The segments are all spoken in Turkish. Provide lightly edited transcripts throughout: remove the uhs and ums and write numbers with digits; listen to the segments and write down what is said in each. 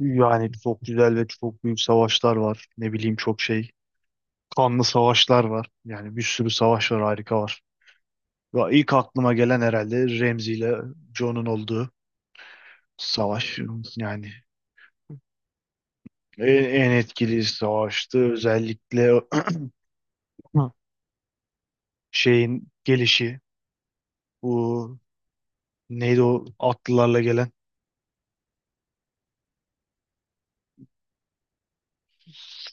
Yani çok güzel ve çok büyük savaşlar var. Ne bileyim çok şey. Kanlı savaşlar var. Yani bir sürü savaş var, harika var. Ve ilk aklıma gelen herhalde Remzi ile John'un olduğu savaş. Yani en etkili savaştı. Özellikle şeyin gelişi. Bu neydi o atlılarla gelen.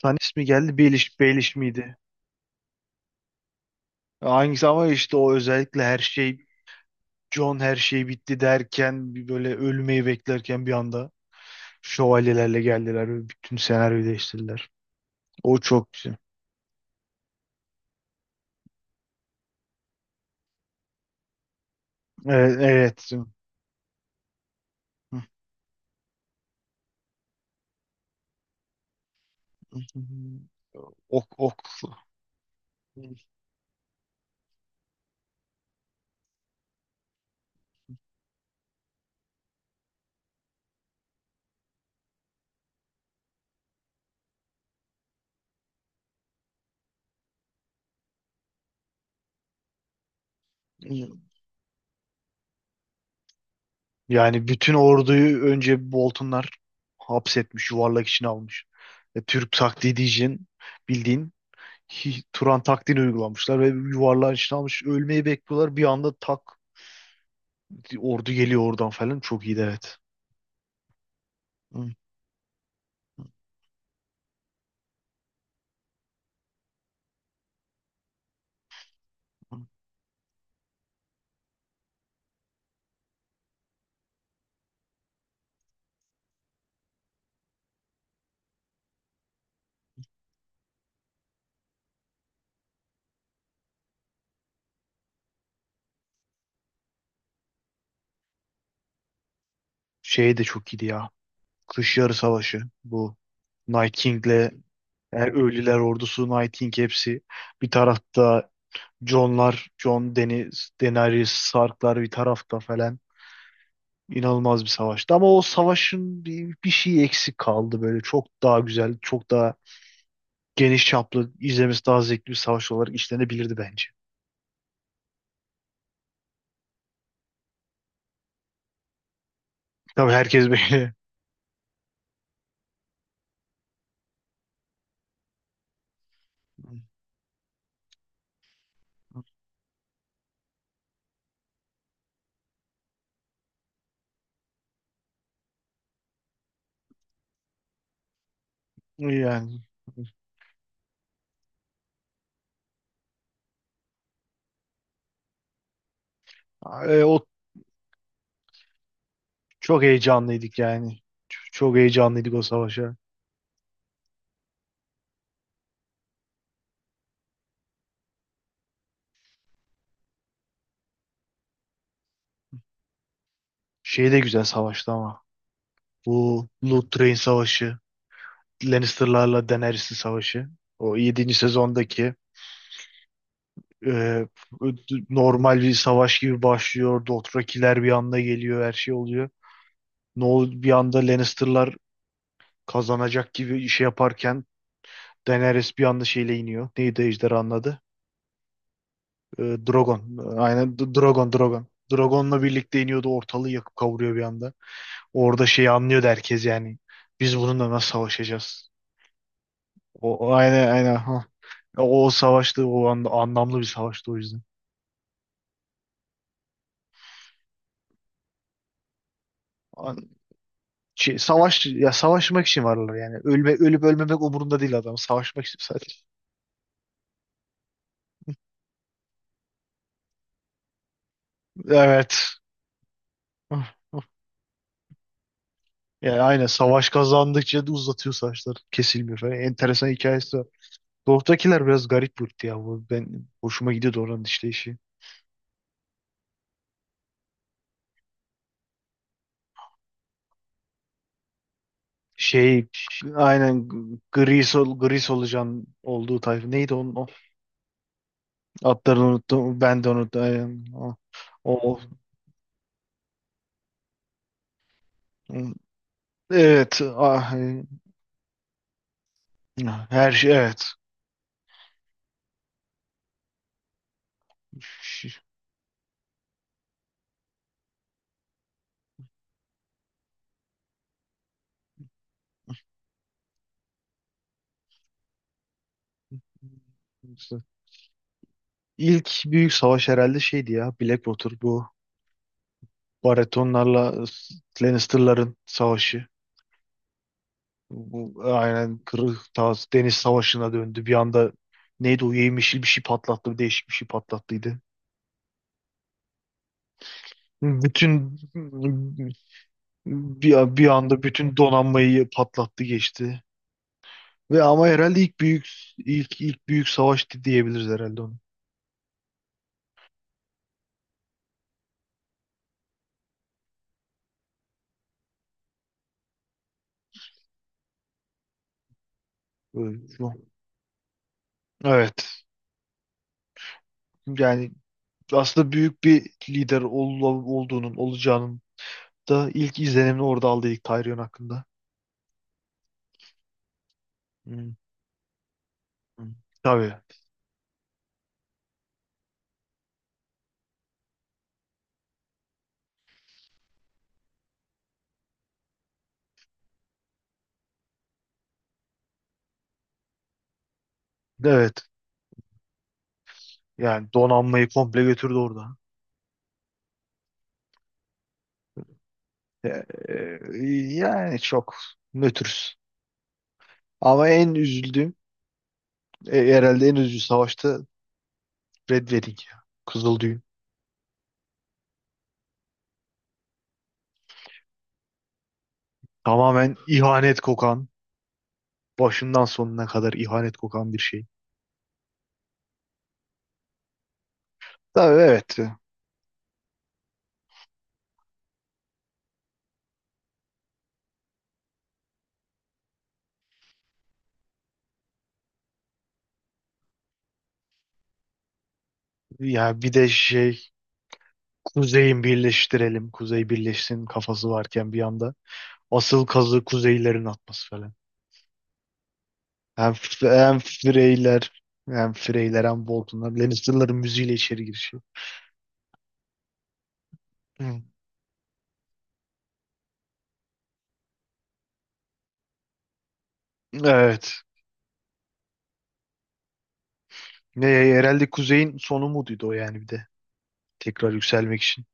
Hani ismi geldi, Baelish miydi? Hangisi ama işte o özellikle her şey, John her şey bitti derken, bir böyle ölmeyi beklerken bir anda şövalyelerle geldiler ve bütün senaryoyu değiştirdiler. O çok güzel. Evet, evet. Ok, ok. Yani bütün orduyu önce Boltonlar hapsetmiş, yuvarlak içine almış. Türk taktiği diyeceğin, bildiğin, Turan taktiğini uygulamışlar ve yuvarlağın içine almış. Ölmeyi bekliyorlar. Bir anda tak, ordu geliyor oradan falan. Çok iyiydi, evet. Hı. Şey de çok iyiydi ya. Kış Yarı Savaşı. Bu Night King'le, yani Ölüler Ordusu, Night King hepsi. Bir tarafta Jon'lar, Jon Deniz, Daenerys, Stark'lar bir tarafta falan. İnanılmaz bir savaştı. Ama o savaşın bir şeyi eksik kaldı böyle. Çok daha güzel, çok daha geniş çaplı, izlemesi daha zevkli bir savaş olarak işlenebilirdi bence. Tabii herkes böyle. Yani o çok heyecanlıydık yani. Çok heyecanlıydık o savaşa. Şey de güzel savaştı ama. Bu Blood Train Savaşı. Lannister'larla Daenerys'in savaşı. O yedinci sezondaki. e, Normal bir savaş gibi başlıyor. Dothrakiler bir anda geliyor. Her şey oluyor. Ne ol, bir anda Lannister'lar kazanacak gibi şey yaparken Daenerys bir anda şeyle iniyor. Neydi ejderhanın adı? Drogon. Aynen, Drogon, Drogon. Drogon'la birlikte iniyordu. Ortalığı yakıp kavuruyor bir anda. Orada şeyi anlıyordu herkes yani. Biz bununla nasıl savaşacağız? O aynen, aynen. Ha. O savaştı, o anda anlamlı bir savaştı o yüzden. An- Şey, savaş ya, savaşmak için varlar yani. Ölüp ölmemek umurunda değil adam. Savaşmak için sadece. Evet. Hıh, hıh. Yani aynen, savaş kazandıkça da uzatıyor saçlar. Kesilmiyor falan. Enteresan hikayesi var. Doğudakiler biraz garip bir ırktı ya. Bu, ben hoşuma gidiyordu oranın işleyişi. Şey, aynen, gri solucan olduğu tayfa. Neydi onun o? Adlarını unuttum. Ben de unuttum. Aynen. O. Evet. Ah, her şey, evet. Ş- işte İlk büyük savaş herhalde şeydi ya. Blackwater, bu Baratheonlarla Lannister'ların savaşı. Bu aynen kırık Tağız Deniz Savaşı'na döndü. Bir anda neydi o, yemişil bir şey patlattı. Değişik bir şey patlattıydı. Bütün, bir anda bütün donanmayı patlattı geçti. Ve ama herhalde ilk büyük, ilk büyük savaştı diyebiliriz herhalde onu. Böyle. Evet. Yani aslında büyük bir lider olduğunun, olacağının da ilk izlenimini orada aldıydık Tyrion hakkında. Hı, hı. Tabii. Evet. Yani donanmayı komple götürdü orada. E, e, Yani çok nötrüz. Ama en üzüldüğüm, herhalde en üzücü savaşta Red Wedding ya. Kızıl Düğün. Tamamen ihanet kokan, başından sonuna kadar ihanet kokan bir şey. Tabii, evet. Ya bir de şey, Kuzey'in birleştirelim. Kuzey birleşsin kafası varken bir anda. Asıl kazı Kuzeylerin atması falan. Hem, Hem Freyler, hem hem Boltonlar. Lannister'ların müziğiyle içeri girişi. Hı. Evet. Ne, herhalde Kuzey'in sonu muydu o yani, bir de. Tekrar yükselmek için.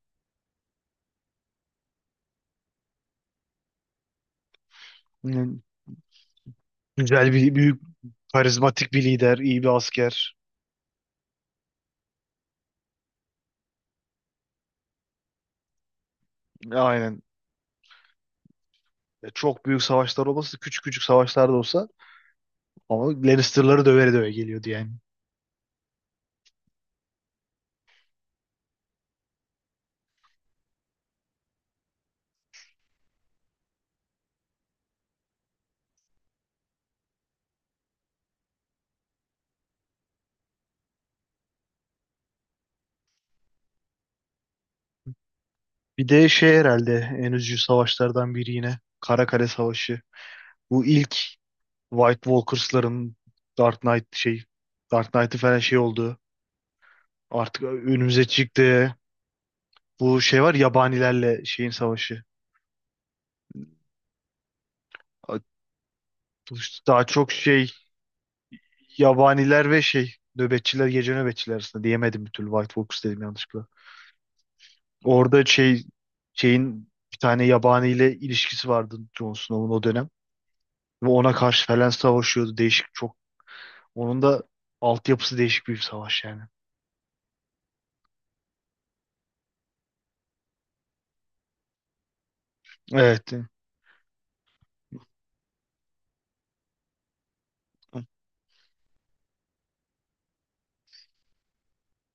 Hı. Güzel bir büyük, karizmatik bir lider, iyi bir asker. Aynen. Çok büyük savaşlar olmasa da küçük küçük savaşlar da olsa, ama Lannister'ları döveri döve geliyordu yani. Bir de şey, herhalde en üzücü savaşlardan biri yine. Karakale Savaşı. Bu ilk White Walkers'ların Dark Knight şey, Dark Knight'ı falan şey oldu. Artık önümüze çıktı. Bu şey var, yabanilerle şeyin savaşı. Daha çok şey, yabaniler ve şey nöbetçiler, gece nöbetçiler arasında diyemedim bir türlü, White Walkers dedim yanlışlıkla. Orada şey, şeyin bir tane yabaniyle ilişkisi vardı Jon Snow'un o dönem. Ve ona karşı falan savaşıyordu. Değişik çok. Onun da altyapısı değişik bir savaş yani. Evet.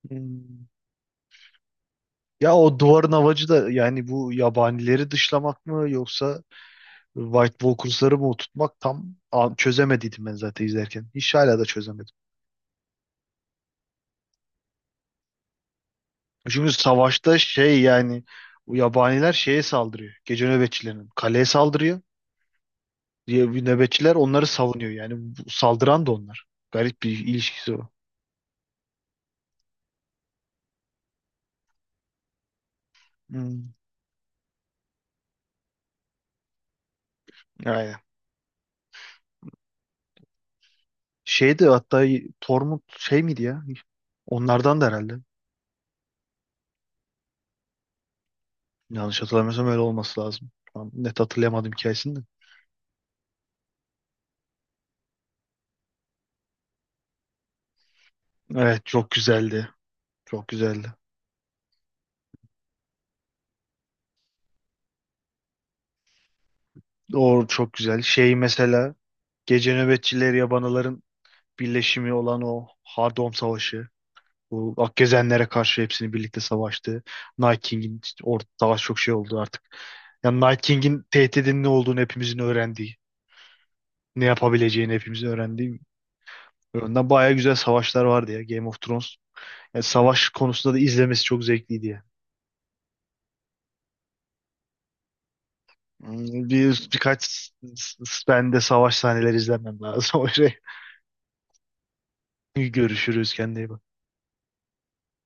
Hmm. Ya o duvarın amacı da yani bu yabanileri dışlamak mı, yoksa White Walkers'ları mı oturtmak, tam çözemediydim ben zaten izlerken. Hiç, hala da çözemedim. Çünkü savaşta şey yani, o yabaniler şeye saldırıyor. Gece nöbetçilerinin kaleye saldırıyor. Diye bir nöbetçiler onları savunuyor. Yani bu saldıran da onlar. Garip bir ilişkisi o. Hmm. Aynen. Şeydi hatta, Tormund şey miydi ya? Onlardan da herhalde. Yanlış hatırlamıyorsam öyle olması lazım. Tam net hatırlayamadım hikayesini de. Evet, çok güzeldi. Çok güzeldi. O çok güzel. Şey mesela, gece nöbetçileri yabanaların birleşimi olan o Hardom Savaşı. Bu Akgezenlere karşı hepsini birlikte savaştı. Night King'in işte orada daha çok şey oldu artık. Yani Night King'in tehdidinin ne olduğunu hepimizin öğrendiği. Ne yapabileceğini hepimizin öğrendiği. Önden bayağı güzel savaşlar vardı ya Game of Thrones. Yani savaş konusunda da izlemesi çok zevkliydi ya. Hmm. Birkaç ben de savaş sahneleri izlemem lazım. O şey. Görüşürüz, kendine iyi bak.